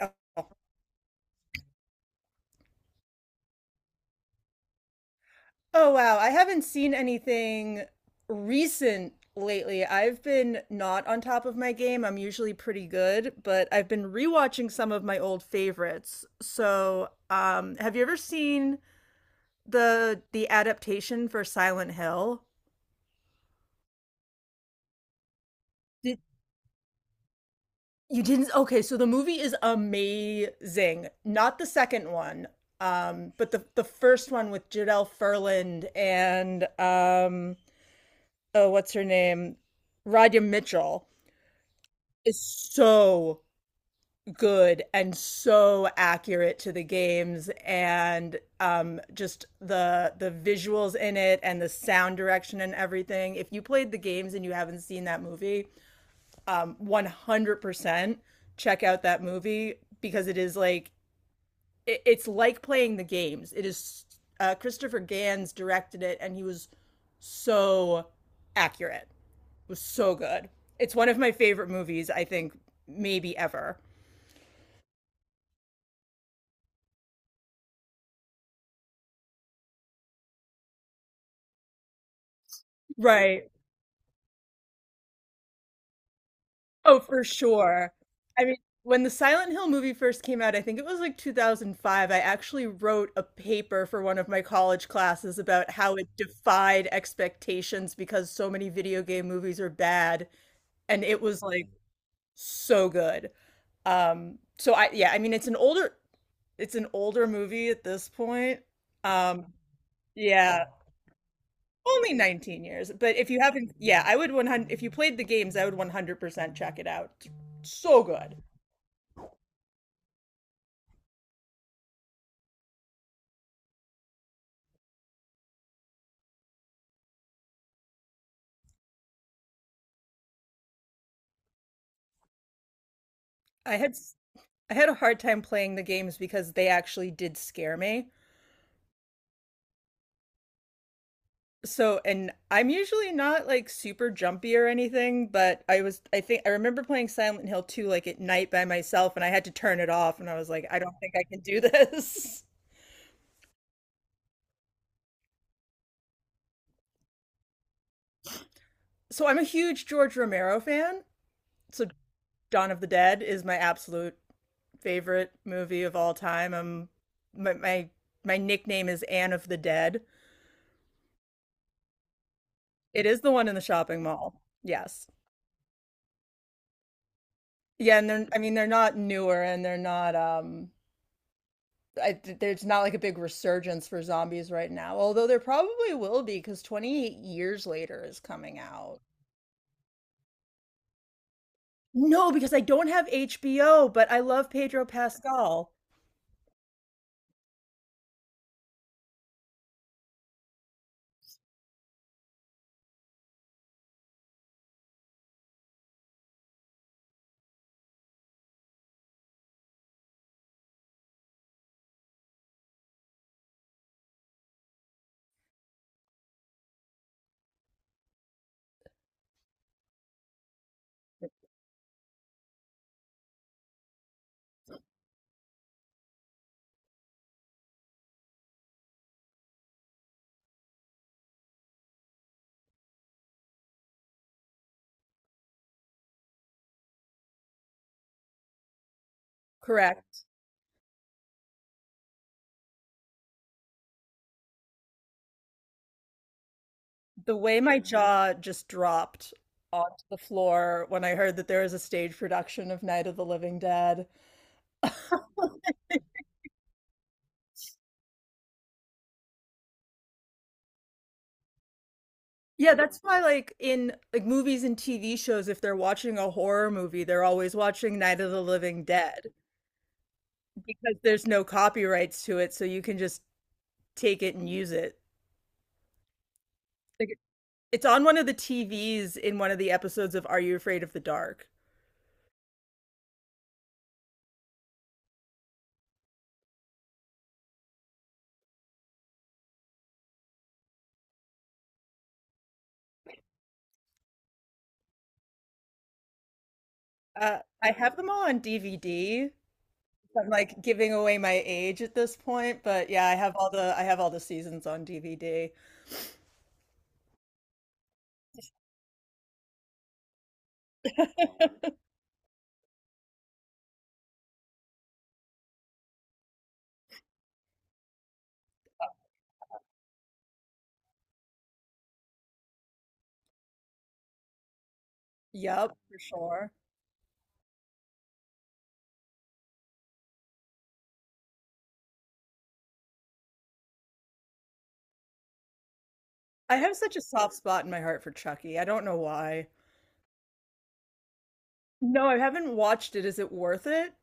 Oh. Oh, wow. I haven't seen anything recent lately. I've been not on top of my game. I'm usually pretty good, but I've been rewatching some of my old favorites. So, have you ever seen the adaptation for Silent Hill? Did, you didn't? Okay, so the movie is amazing. Not the second one, but the first one with Jadelle Ferland and oh, what's her name? Radia Mitchell is so good and so accurate to the games, and just the visuals in it and the sound direction and everything. If you played the games and you haven't seen that movie, 100% check out that movie because it is like it's like playing the games. It is Christopher Gans directed it, and he was so accurate. It was so good. It's one of my favorite movies, I think, maybe ever. Right. Oh, for sure. I mean, when the Silent Hill movie first came out, I think it was like 2005, I actually wrote a paper for one of my college classes about how it defied expectations because so many video game movies are bad, and it was like so good. So I yeah, I mean it's an older, it's an older movie at this point. Um, yeah. Only 19 years, but if you haven't, yeah, I would 100, if you played the games, I would 100% check it out. So good. I had s- I had a hard time playing the games because they actually did scare me. So, and I'm usually not like super jumpy or anything, but I was, I think I remember playing Silent Hill 2 like at night by myself and I had to turn it off and I was like, I don't think I can do this. So, I'm a huge George Romero fan. So, Dawn of the Dead is my absolute favorite movie of all time. My, my my nickname is Anne of the Dead. It is the one in the shopping mall. Yes. Yeah, and they're, I mean they're not newer and they're not there's not like a big resurgence for zombies right now. Although there probably will be because 28 years later is coming out. No, because I don't have HBO, but I love Pedro Pascal. Correct. The way my jaw just dropped onto the floor when I heard that there was a stage production of Night of the Living Dead. Yeah, that's why like in like movies and TV shows, if they're watching a horror movie, they're always watching Night of the Living Dead because there's no copyrights to it, so you can just take it and use it. Like, it's on one of the TVs in one of the episodes of Are You Afraid of the Dark? I have them all on DVD. I'm like giving away my age at this point, but yeah, I have all the, I have all the seasons on DVD. Yep, for sure. I have such a soft spot in my heart for Chucky. I don't know why. No, I haven't watched it. Is it worth it?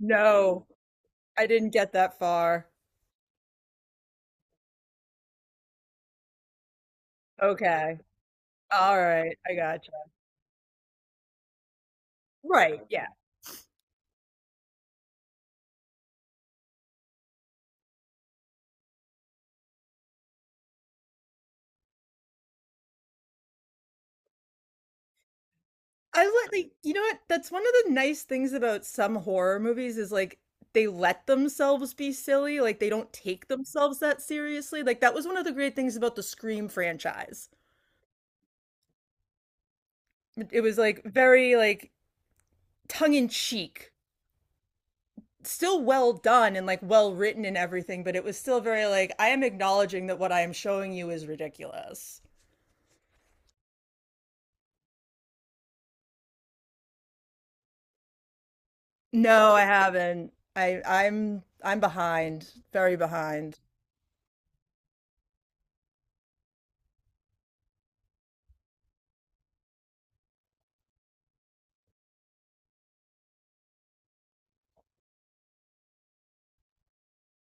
No, I didn't get that far. Okay. All right. I gotcha. Right. Yeah. I let, like, you know what? That's one of the nice things about some horror movies is like they let themselves be silly, like they don't take themselves that seriously. Like that was one of the great things about the Scream franchise. It was like very like tongue in cheek, still well done and like well written and everything, but it was still very like I am acknowledging that what I am showing you is ridiculous. No, I haven't. I'm behind, very behind.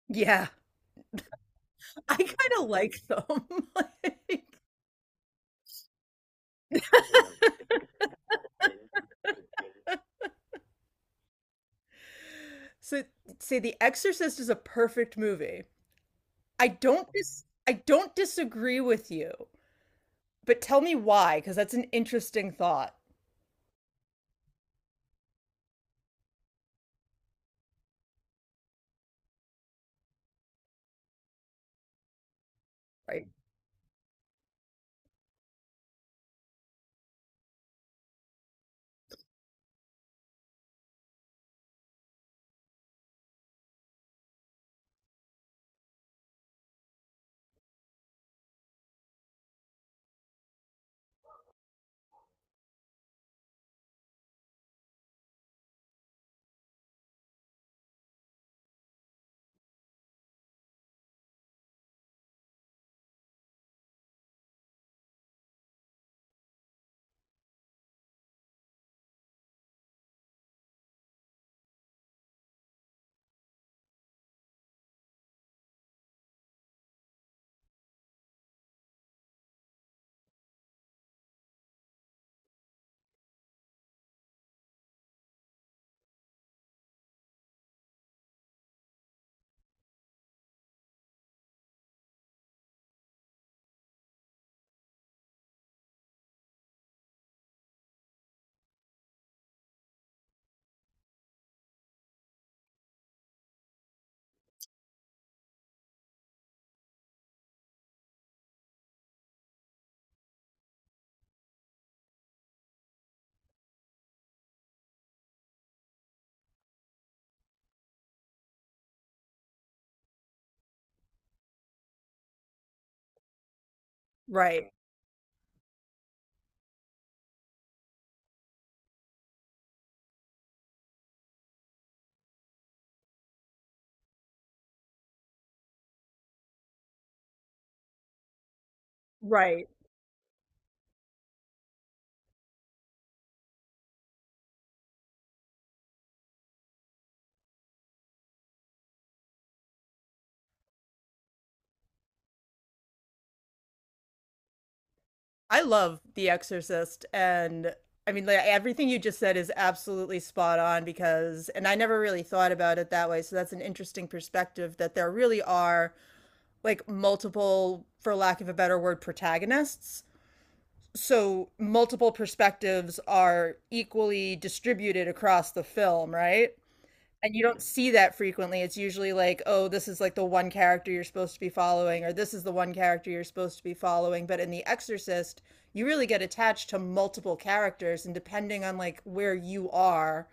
Yeah, I kind of like them. Like, so say The Exorcist is a perfect movie. I don't disagree with you, but tell me why, because that's an interesting thought. Right. Right. Right. I love The Exorcist, and I mean like everything you just said is absolutely spot on because, and I never really thought about it that way, so that's an interesting perspective that there really are like multiple, for lack of a better word, protagonists, so multiple perspectives are equally distributed across the film, right? And you don't see that frequently. It's usually like, oh, this is like the one character you're supposed to be following, or this is the one character you're supposed to be following. But in The Exorcist, you really get attached to multiple characters, and depending on like where you are,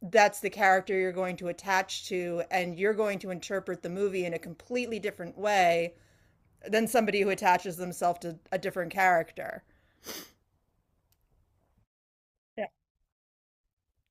that's the character you're going to attach to, and you're going to interpret the movie in a completely different way than somebody who attaches themselves to a different character